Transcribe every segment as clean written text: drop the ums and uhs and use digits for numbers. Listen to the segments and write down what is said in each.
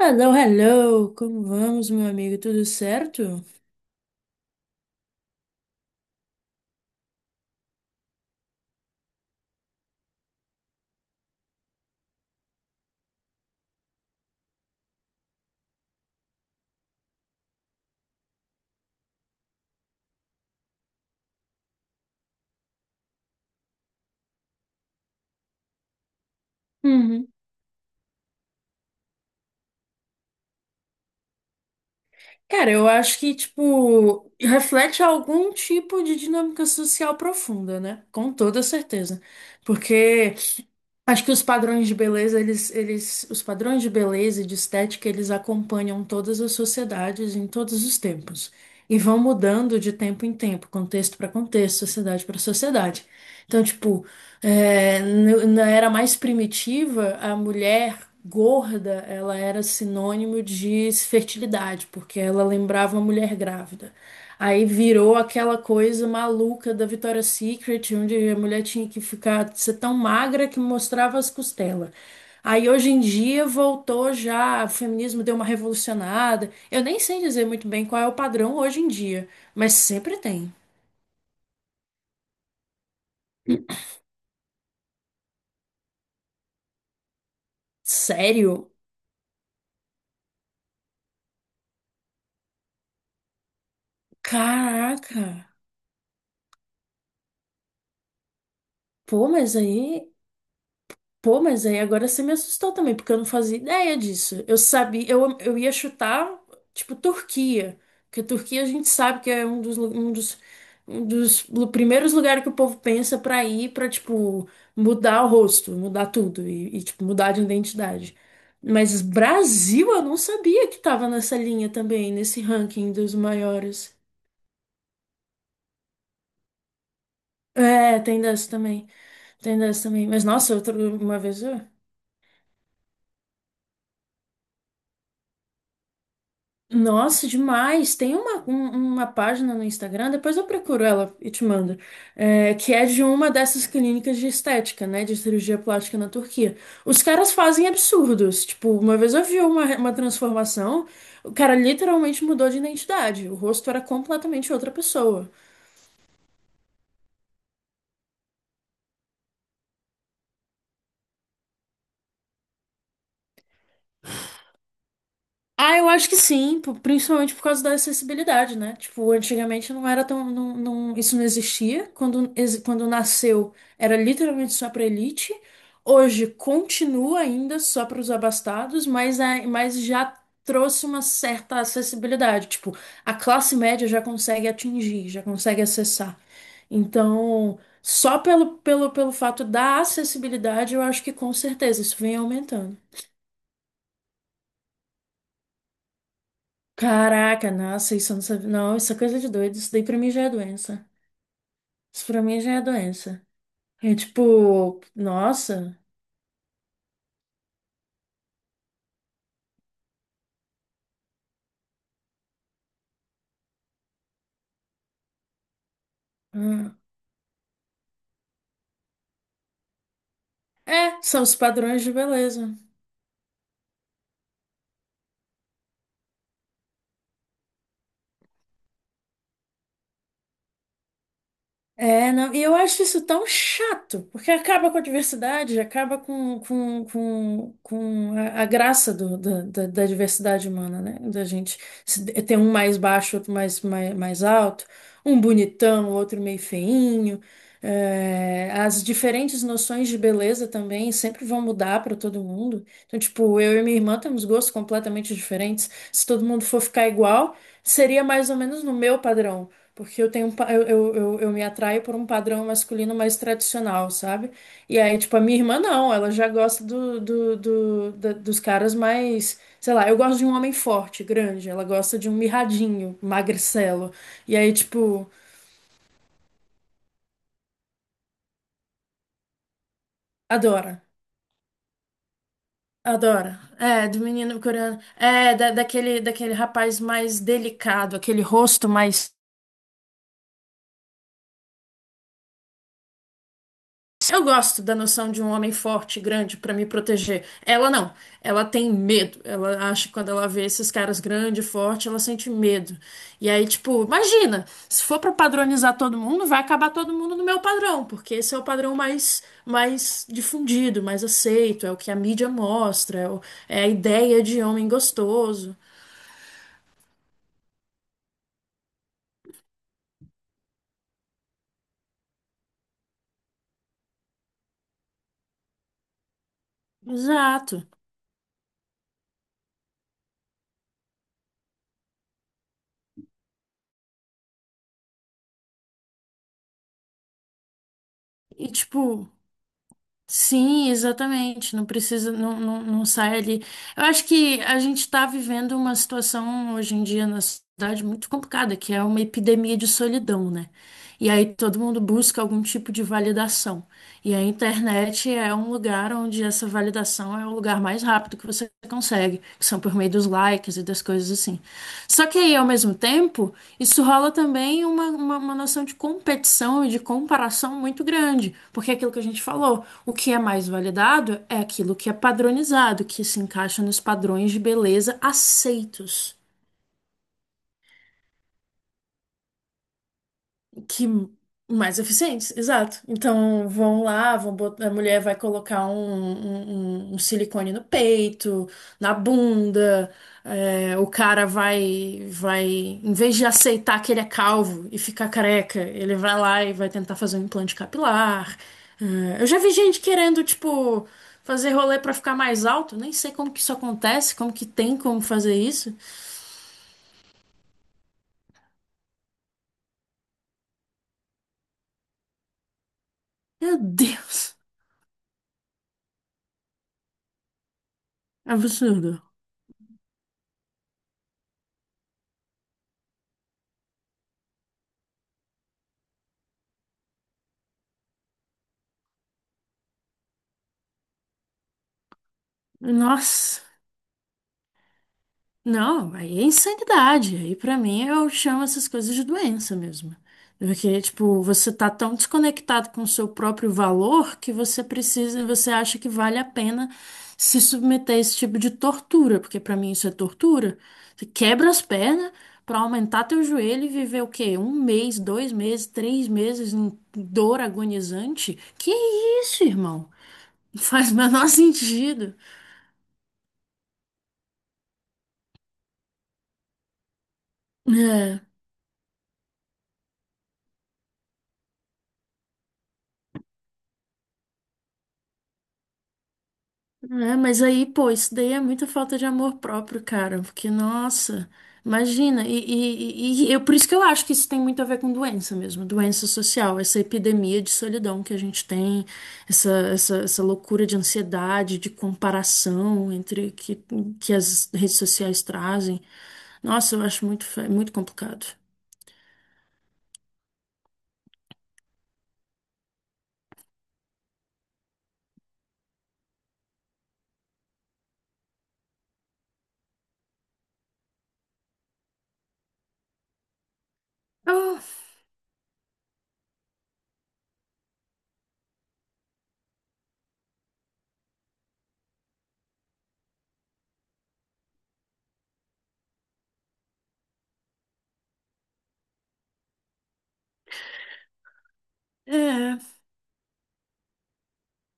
Hello, hello! Como vamos, meu amigo? Tudo certo? Uhum. Cara, eu acho que, tipo, reflete algum tipo de dinâmica social profunda, né? Com toda certeza. Porque acho que os padrões de beleza, eles, os padrões de beleza e de estética, eles acompanham todas as sociedades em todos os tempos. E vão mudando de tempo em tempo, contexto para contexto, sociedade para sociedade. Então, tipo, é, na era mais primitiva, a mulher gorda, ela era sinônimo de fertilidade, porque ela lembrava uma mulher grávida. Aí virou aquela coisa maluca da Victoria's Secret, onde a mulher tinha que ficar, ser tão magra que mostrava as costelas. Aí hoje em dia voltou já, o feminismo deu uma revolucionada. Eu nem sei dizer muito bem qual é o padrão hoje em dia, mas sempre tem. Sério? Caraca! Pô, mas aí. Pô, mas aí agora você me assustou também, porque eu não fazia ideia disso. Eu sabia, eu ia chutar, tipo, Turquia. Porque Turquia a gente sabe que é um dos, um dos primeiros lugares que o povo pensa pra ir pra, tipo, mudar o rosto, mudar tudo e, tipo, mudar de identidade. Mas Brasil, eu não sabia que tava nessa linha também, nesse ranking dos maiores. É, tem dessa também. Tem dessa também. Mas nossa, outra, uma vez eu. Nossa, demais! Tem uma página no Instagram, depois eu procuro ela e te mando, é, que é de uma dessas clínicas de estética, né, de cirurgia plástica na Turquia. Os caras fazem absurdos. Tipo, uma vez eu vi uma transformação, o cara literalmente mudou de identidade, o rosto era completamente outra pessoa. Ah, eu acho que sim, principalmente por causa da acessibilidade, né? Tipo, antigamente não era tão, isso não existia. Quando, quando nasceu, era literalmente só para elite. Hoje continua ainda só para os abastados, mas, mas já trouxe uma certa acessibilidade. Tipo, a classe média já consegue atingir, já consegue acessar. Então, só pelo fato da acessibilidade, eu acho que com certeza isso vem aumentando. Caraca, nossa, isso eu não sabia. Não, isso é coisa de doido. Isso daí pra mim já é doença. Isso pra mim já é doença. É tipo, nossa. Hum. É, são os padrões de beleza. É, não, e eu acho isso tão chato, porque acaba com a diversidade, acaba com a graça da diversidade humana, né? Da gente ter um mais baixo, outro mais alto, um bonitão, outro meio feinho. É, as diferentes noções de beleza também sempre vão mudar para todo mundo. Então, tipo, eu e minha irmã temos gostos completamente diferentes. Se todo mundo for ficar igual, seria mais ou menos no meu padrão. Porque eu tenho um pa-, eu me atraio por um padrão masculino mais tradicional, sabe? E aí, tipo, a minha irmã não, ela já gosta dos caras mais, sei lá, eu gosto de um homem forte, grande, ela gosta de um mirradinho, magricelo. E aí, tipo, adora. Adora. É, do menino coreano. É, daquele, daquele rapaz mais delicado, aquele rosto mais. Eu gosto da noção de um homem forte, grande, pra me proteger. Ela não. Ela tem medo. Ela acha que quando ela vê esses caras grande, forte, ela sente medo. E aí, tipo, imagina, se for pra padronizar todo mundo, vai acabar todo mundo no meu padrão, porque esse é o padrão mais, mais difundido, mais aceito, é o que a mídia mostra, é a ideia de homem gostoso. Exato. E tipo, sim, exatamente. Não precisa, não sai ali. Eu acho que a gente está vivendo uma situação hoje em dia na sociedade muito complicada, que é uma epidemia de solidão, né? E aí todo mundo busca algum tipo de validação. E a internet é um lugar onde essa validação é o lugar mais rápido que você consegue, que são por meio dos likes e das coisas assim. Só que aí, ao mesmo tempo, isso rola também uma noção de competição e de comparação muito grande, porque é aquilo que a gente falou, o que é mais validado é aquilo que é padronizado, que se encaixa nos padrões de beleza aceitos. Que mais eficientes, exato. Então vão lá, a mulher vai colocar um silicone no peito, na bunda, é, o cara vai, em vez de aceitar que ele é calvo e ficar careca, ele vai lá e vai tentar fazer um implante capilar. É, eu já vi gente querendo, tipo, fazer rolê pra ficar mais alto, nem sei como que isso acontece, como que tem como fazer isso. Meu Deus, absurdo. Nossa. Não, aí é insanidade. Aí pra mim eu chamo essas coisas de doença mesmo. Porque, tipo, você tá tão desconectado com o seu próprio valor que você precisa, você acha que vale a pena se submeter a esse tipo de tortura, porque pra mim isso é tortura. Você quebra as pernas pra aumentar teu joelho e viver o quê? Um mês, dois meses, três meses em dor agonizante? Que isso, irmão? Não faz o menor sentido. É. É, mas aí, pô, isso daí é muita falta de amor próprio, cara. Porque, nossa, imagina. Eu, por isso que eu acho que isso tem muito a ver com doença mesmo, doença social, essa epidemia de solidão que a gente tem, essa loucura de ansiedade, de comparação entre que as redes sociais trazem. Nossa, eu acho muito, muito complicado. Eu- é,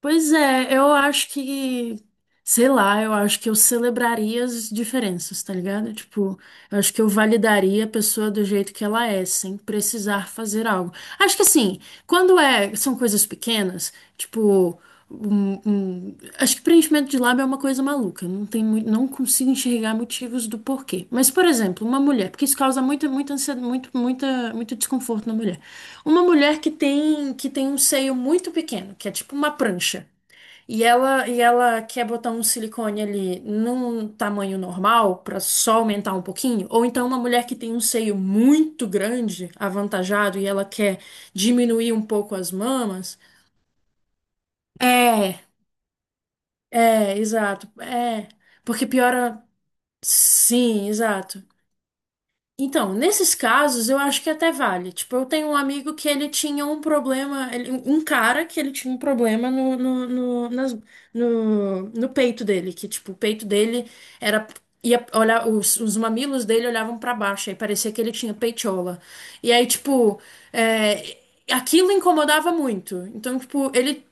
pois é, eu acho que. Sei lá, eu acho que eu celebraria as diferenças, tá ligado? Tipo, eu acho que eu validaria a pessoa do jeito que ela é, sem precisar fazer algo. Acho que assim, quando é, são coisas pequenas, tipo, acho que preenchimento de lábio é uma coisa maluca, não tem, não consigo enxergar motivos do porquê. Mas, por exemplo, uma mulher, porque isso causa muita ansiedade, muito desconforto na mulher. Uma mulher que tem um seio muito pequeno, que é tipo uma prancha. E ela quer botar um silicone ali num tamanho normal pra só aumentar um pouquinho, ou então uma mulher que tem um seio muito grande, avantajado, e ela quer diminuir um pouco as mamas. É, exato, é, porque piora. Sim, exato. Então, nesses casos, eu acho que até vale. Tipo, eu tenho um amigo que ele tinha um problema, um cara que ele tinha um problema no peito dele, que, tipo, o peito dele era. Ia olhar, os mamilos dele olhavam pra baixo, aí parecia que ele tinha peitiola. E aí, tipo, é, aquilo incomodava muito. Então, tipo, ele.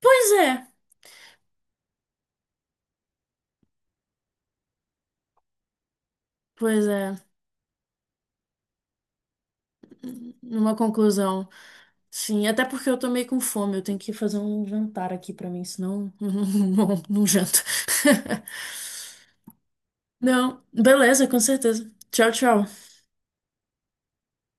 Pois é, pois é. Numa conclusão. Sim, até porque eu tô meio com fome, eu tenho que fazer um jantar aqui pra mim, senão não, não janto. Não, beleza, com certeza. Tchau, tchau.